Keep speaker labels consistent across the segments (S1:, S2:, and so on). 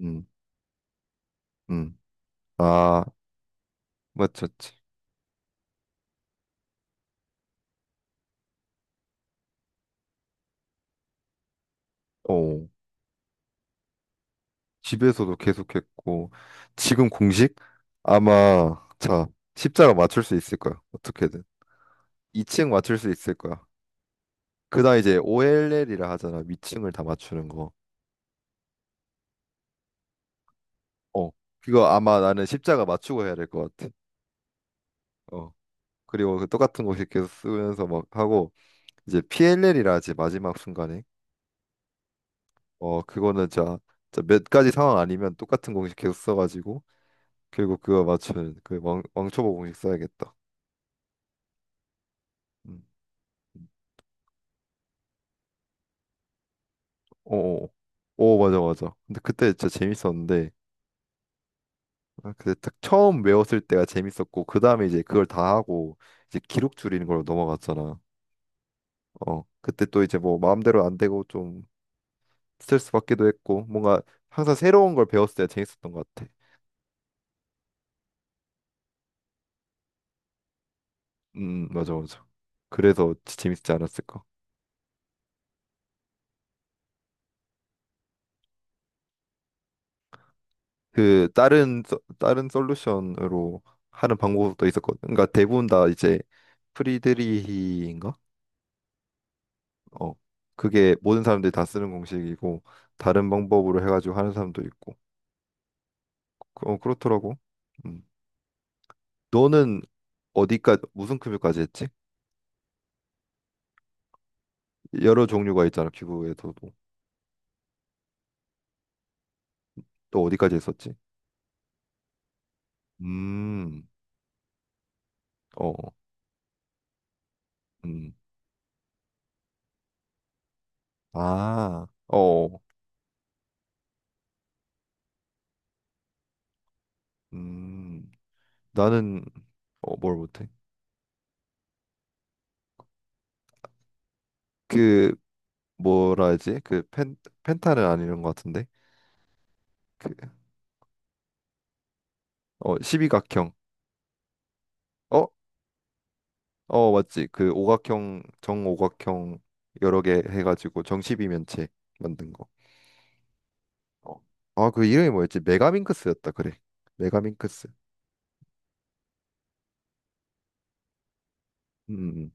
S1: 음, 음. 아, 맞췄지. 어. 집에서도 계속했고 지금 공식? 아마 자, 십자가 맞출 수 있을 거야. 어떻게든. 2층 맞출 수 있을 거야. 그다음 이제 OLL이라 하잖아. 위층을 다 맞추는 거. 어. 그거 아마 나는 십자가 맞추고 해야 될 것 같아. 어. 그리고 그 똑같은 거 계속 쓰면서 막 하고 이제 PLL이라 하지 마지막 순간에. 어, 그거는 자, 몇 가지 상황 아니면 똑같은 공식 계속 써가지고 결국 그거 맞춘 그 왕초보 공식 써야겠다. 음. 오, 오, 맞아, 맞아. 근데 그때 진짜 재밌었는데, 아, 그때 딱 처음 외웠을 때가 재밌었고, 그 다음에 이제 그걸 다 하고, 이제 기록 줄이는 걸로 넘어갔잖아. 어, 그때 또 이제 뭐 마음대로 안 되고 좀 스트레스 받기도 했고, 뭔가 항상 새로운 걸 배웠을 때가 재밌었던 것 같아. 맞아, 맞아. 그래서 재밌지 않았을까? 그 다른 다른 솔루션으로 하는 방법도 있었거든. 그러니까 대부분 다 이제 프리드리히인가? 어. 그게 모든 사람들이 다 쓰는 공식이고 다른 방법으로 해가지고 하는 사람도 있고. 어, 그렇더라고. 음. 너는 어디까지 무슨 급여까지 했지? 여러 종류가 있잖아. 기부에서도. 또 어디까지 했었지? 음. 어. 음. 아. 어. 음. 나는 어, 뭘 못해? 그 뭐라 하지? 그 펜타는 아니는 것 같은데. 그, 어, 12각형. 어? 어, 맞지. 그 오각형, 정오각형 여러 개 해가지고 정십이면체 만든 거. 어. 아, 그 이름이 뭐였지? 메가민크스였다. 그래. 메가민크스. 음, 음,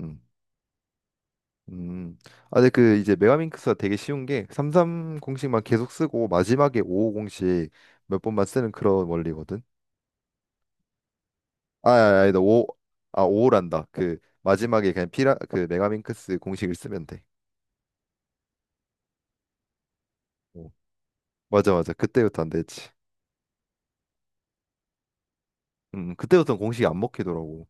S1: 음. 음. 음. 아, 근데 그 이제 메가민크스가 되게 쉬운 게 33공식만 계속 쓰고 마지막에 55공식 몇 번만 쓰는 그런 원리거든. 아니다. 오, 아, 오란다. 그 마지막에 그냥 피라 그 메가민크스 공식을 쓰면 돼. 어. 맞아, 맞아. 그때부터 안 됐지. 그때부터는 공식이 안 먹히더라고.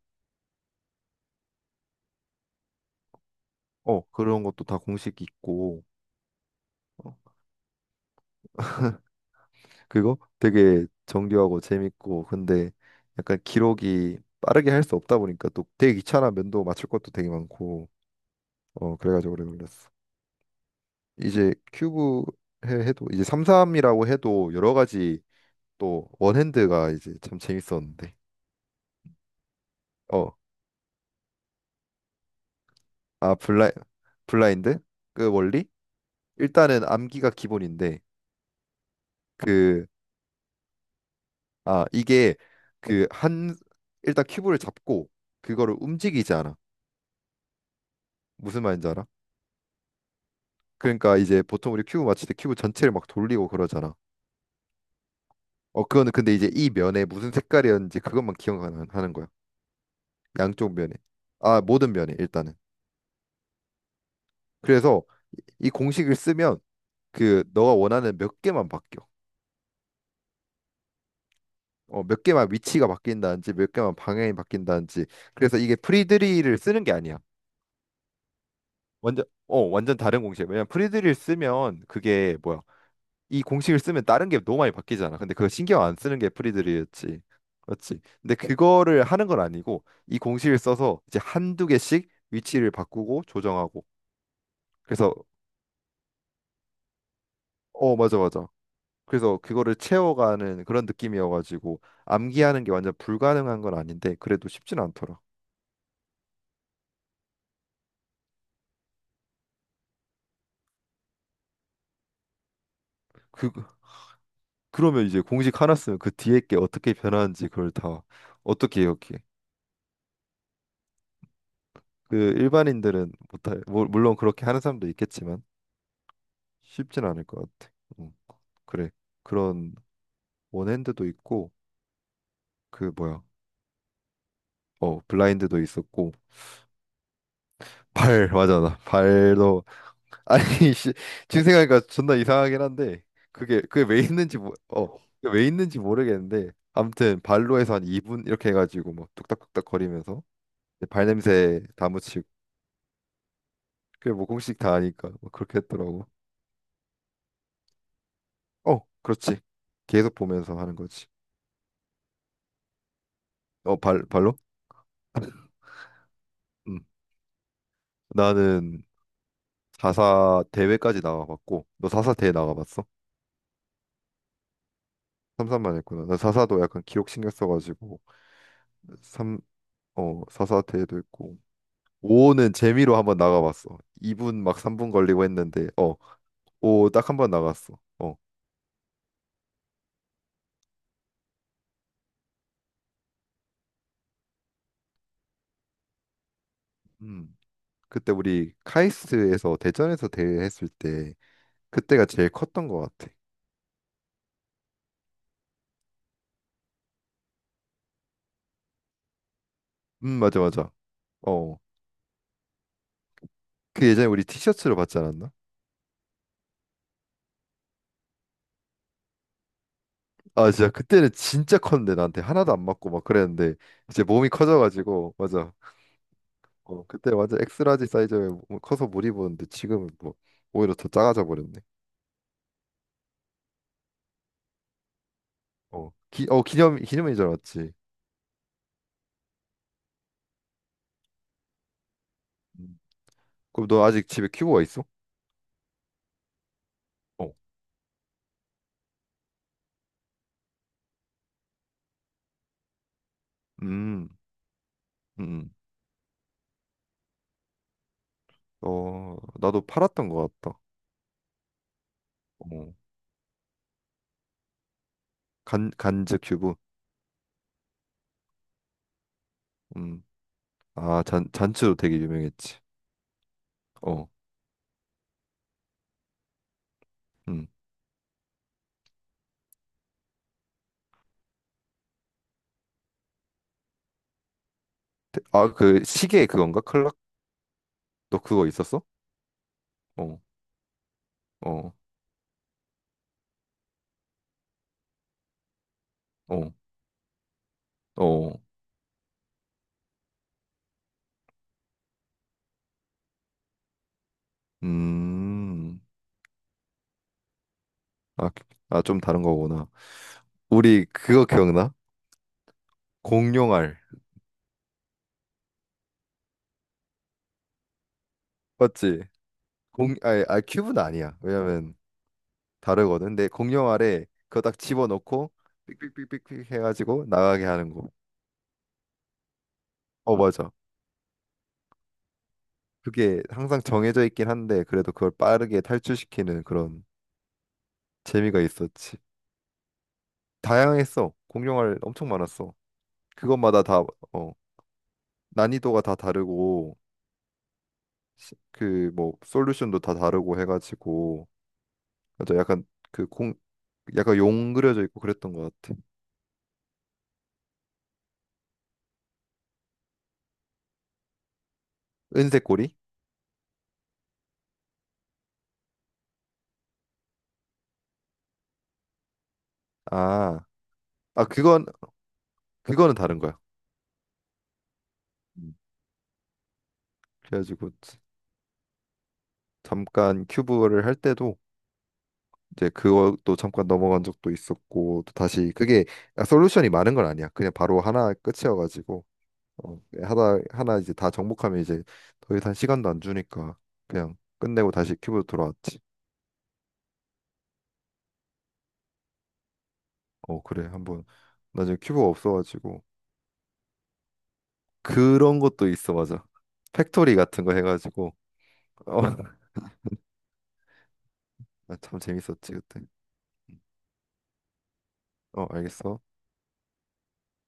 S1: 어, 그런 것도 다 공식 있고. 어, 그거 되게 정교하고 재밌고. 근데 약간 기록이 빠르게 할 수 없다 보니까 또 되게 귀찮아. 면도 맞출 것도 되게 많고. 어, 그래가지고 오래 걸렸어. 이제 큐브 해도 이제 3, 3이라고 해도 여러 가지 또 원핸드가 이제 참 재밌었는데. 어, 아, 블라인드? 그 원리? 일단은 암기가 기본인데, 그, 아, 이게 그 한, 일단 큐브를 잡고, 그거를 움직이지 않아. 무슨 말인지 알아? 그러니까 이제 보통 우리 큐브 맞출 때 큐브 전체를 막 돌리고 그러잖아. 어, 그거는 근데 이제 이 면에 무슨 색깔이었는지 그것만 기억하는 하는 거야. 양쪽 면에. 아, 모든 면에 일단은. 그래서 이 공식을 쓰면 그 너가 원하는 몇 개만 바뀌어. 어, 몇 개만 위치가 바뀐다든지 몇 개만 방향이 바뀐다든지 그래서 이게 프리드리를 쓰는 게 아니야. 완전 어 완전 다른 공식이야. 왜냐면 프리드리를 쓰면 그게 뭐야? 이 공식을 쓰면 다른 게 너무 많이 바뀌잖아. 근데 그거 신경 안 쓰는 게 프리드리였지. 그렇지. 근데 그거를 하는 건 아니고 이 공식을 써서 이제 한두 개씩 위치를 바꾸고 조정하고 그래서 어 맞아 맞아. 그래서 그거를 채워가는 그런 느낌이어가지고 암기하는 게 완전 불가능한 건 아닌데 그래도 쉽진 않더라. 그 그러면 이제 공식 하나 쓰면 그 뒤에 게 어떻게 변하는지 그걸 다 어떻게 기억해? 그 일반인들은 못할, 물론 그렇게 하는 사람도 있겠지만 쉽진 않을 것 같아. 음, 그래. 그런 원핸드도 있고 그 뭐야? 어, 블라인드도 있었고 발 맞아 나 발도 아니 씨, 지금 생각하니까 존나 이상하긴 한데 그게 왜 있는지 모, 어, 그게 왜 있는지 모르겠는데 아무튼 발로 해서 한 2분 이렇게 해가지고 막 뚝딱뚝딱 거리면서 발 냄새 다 묻히고 그게 뭐 공식 다 아니까 뭐 그렇게 했더라고. 어, 그렇지. 계속 보면서 하는 거지. 어, 발 발로? 음. 나는 4사 대회까지 나가봤고, 너 4사 대회 나가봤어? 3삼만 했구나. 나 4사도 약간 기록 신경 써가지고 3, 어, 4사 대회도 했고. 5는 재미로 한번 나가봤어. 2분 막 3분 걸리고 했는데, 어, 5 딱 한번 나갔어. 어, 음. 그때 우리 카이스트에서 대전에서 대회 했을 때 그때가 제일 컸던 것 같아. 맞아, 맞아. 어, 그 예전에 우리 티셔츠로 받지 않았나? 아 진짜 그때는 진짜 컸는데 나한테 하나도 안 맞고 막 그랬는데 이제 몸이 커져가지고 맞아 어 그때 완전 엑스라지 사이즈에 커서 못 입었는데 지금은 뭐 오히려 더 작아져 버렸네 어 기 어 기념 기념일인 줄 알았지 음. 그럼 너 아직 집에 큐브가 있어? 어 음, 음, 음. 어, 나도 팔았던 것 같다. 어, 간즈 큐브. 음, 아, 잔츠도 되게 유명했지. 어, 음. 아, 그 시계 그건가? 클락? 너 그거 있었어? 어. 어, 어, 어, 음, 아, 아, 좀 다른 거구나. 우리 그거 기억나? 공룡알, 맞지? 공, 아니, 아, 큐브는 아니야. 왜냐면 다르거든. 근데 공룡알에 그거 딱 집어넣고 삑삑삑삑삑 해가지고 나가게 하는 거. 어, 맞아. 그게 항상 정해져 있긴 한데 그래도 그걸 빠르게 탈출시키는 그런 재미가 있었지. 다양했어. 공룡알 엄청 많았어. 그것마다 다, 어, 난이도가 다 다르고. 그 뭐 솔루션도 다 다르고 해가지고 맞아 약간 그 공 약간 용 그려져 있고 그랬던 것 같아. 은색 고리? 아, 그건 그거는 다른 거야. 음. 그래가지고 잠깐 큐브를 할 때도 이제 그것도 잠깐 넘어간 적도 있었고 또 다시 그게 아, 솔루션이 많은 건 아니야. 그냥 바로 하나 끝이어가지고 어, 하나 하나 이제 다 정복하면 이제 더 이상 시간도 안 주니까 그냥 끝내고 다시 큐브로 돌아왔지. 어 그래 한번 나중에 큐브가 없어가지고 그런 것도 있어 맞아 팩토리 같은 거 해가지고 어 참 재밌었지 그때 어 알겠어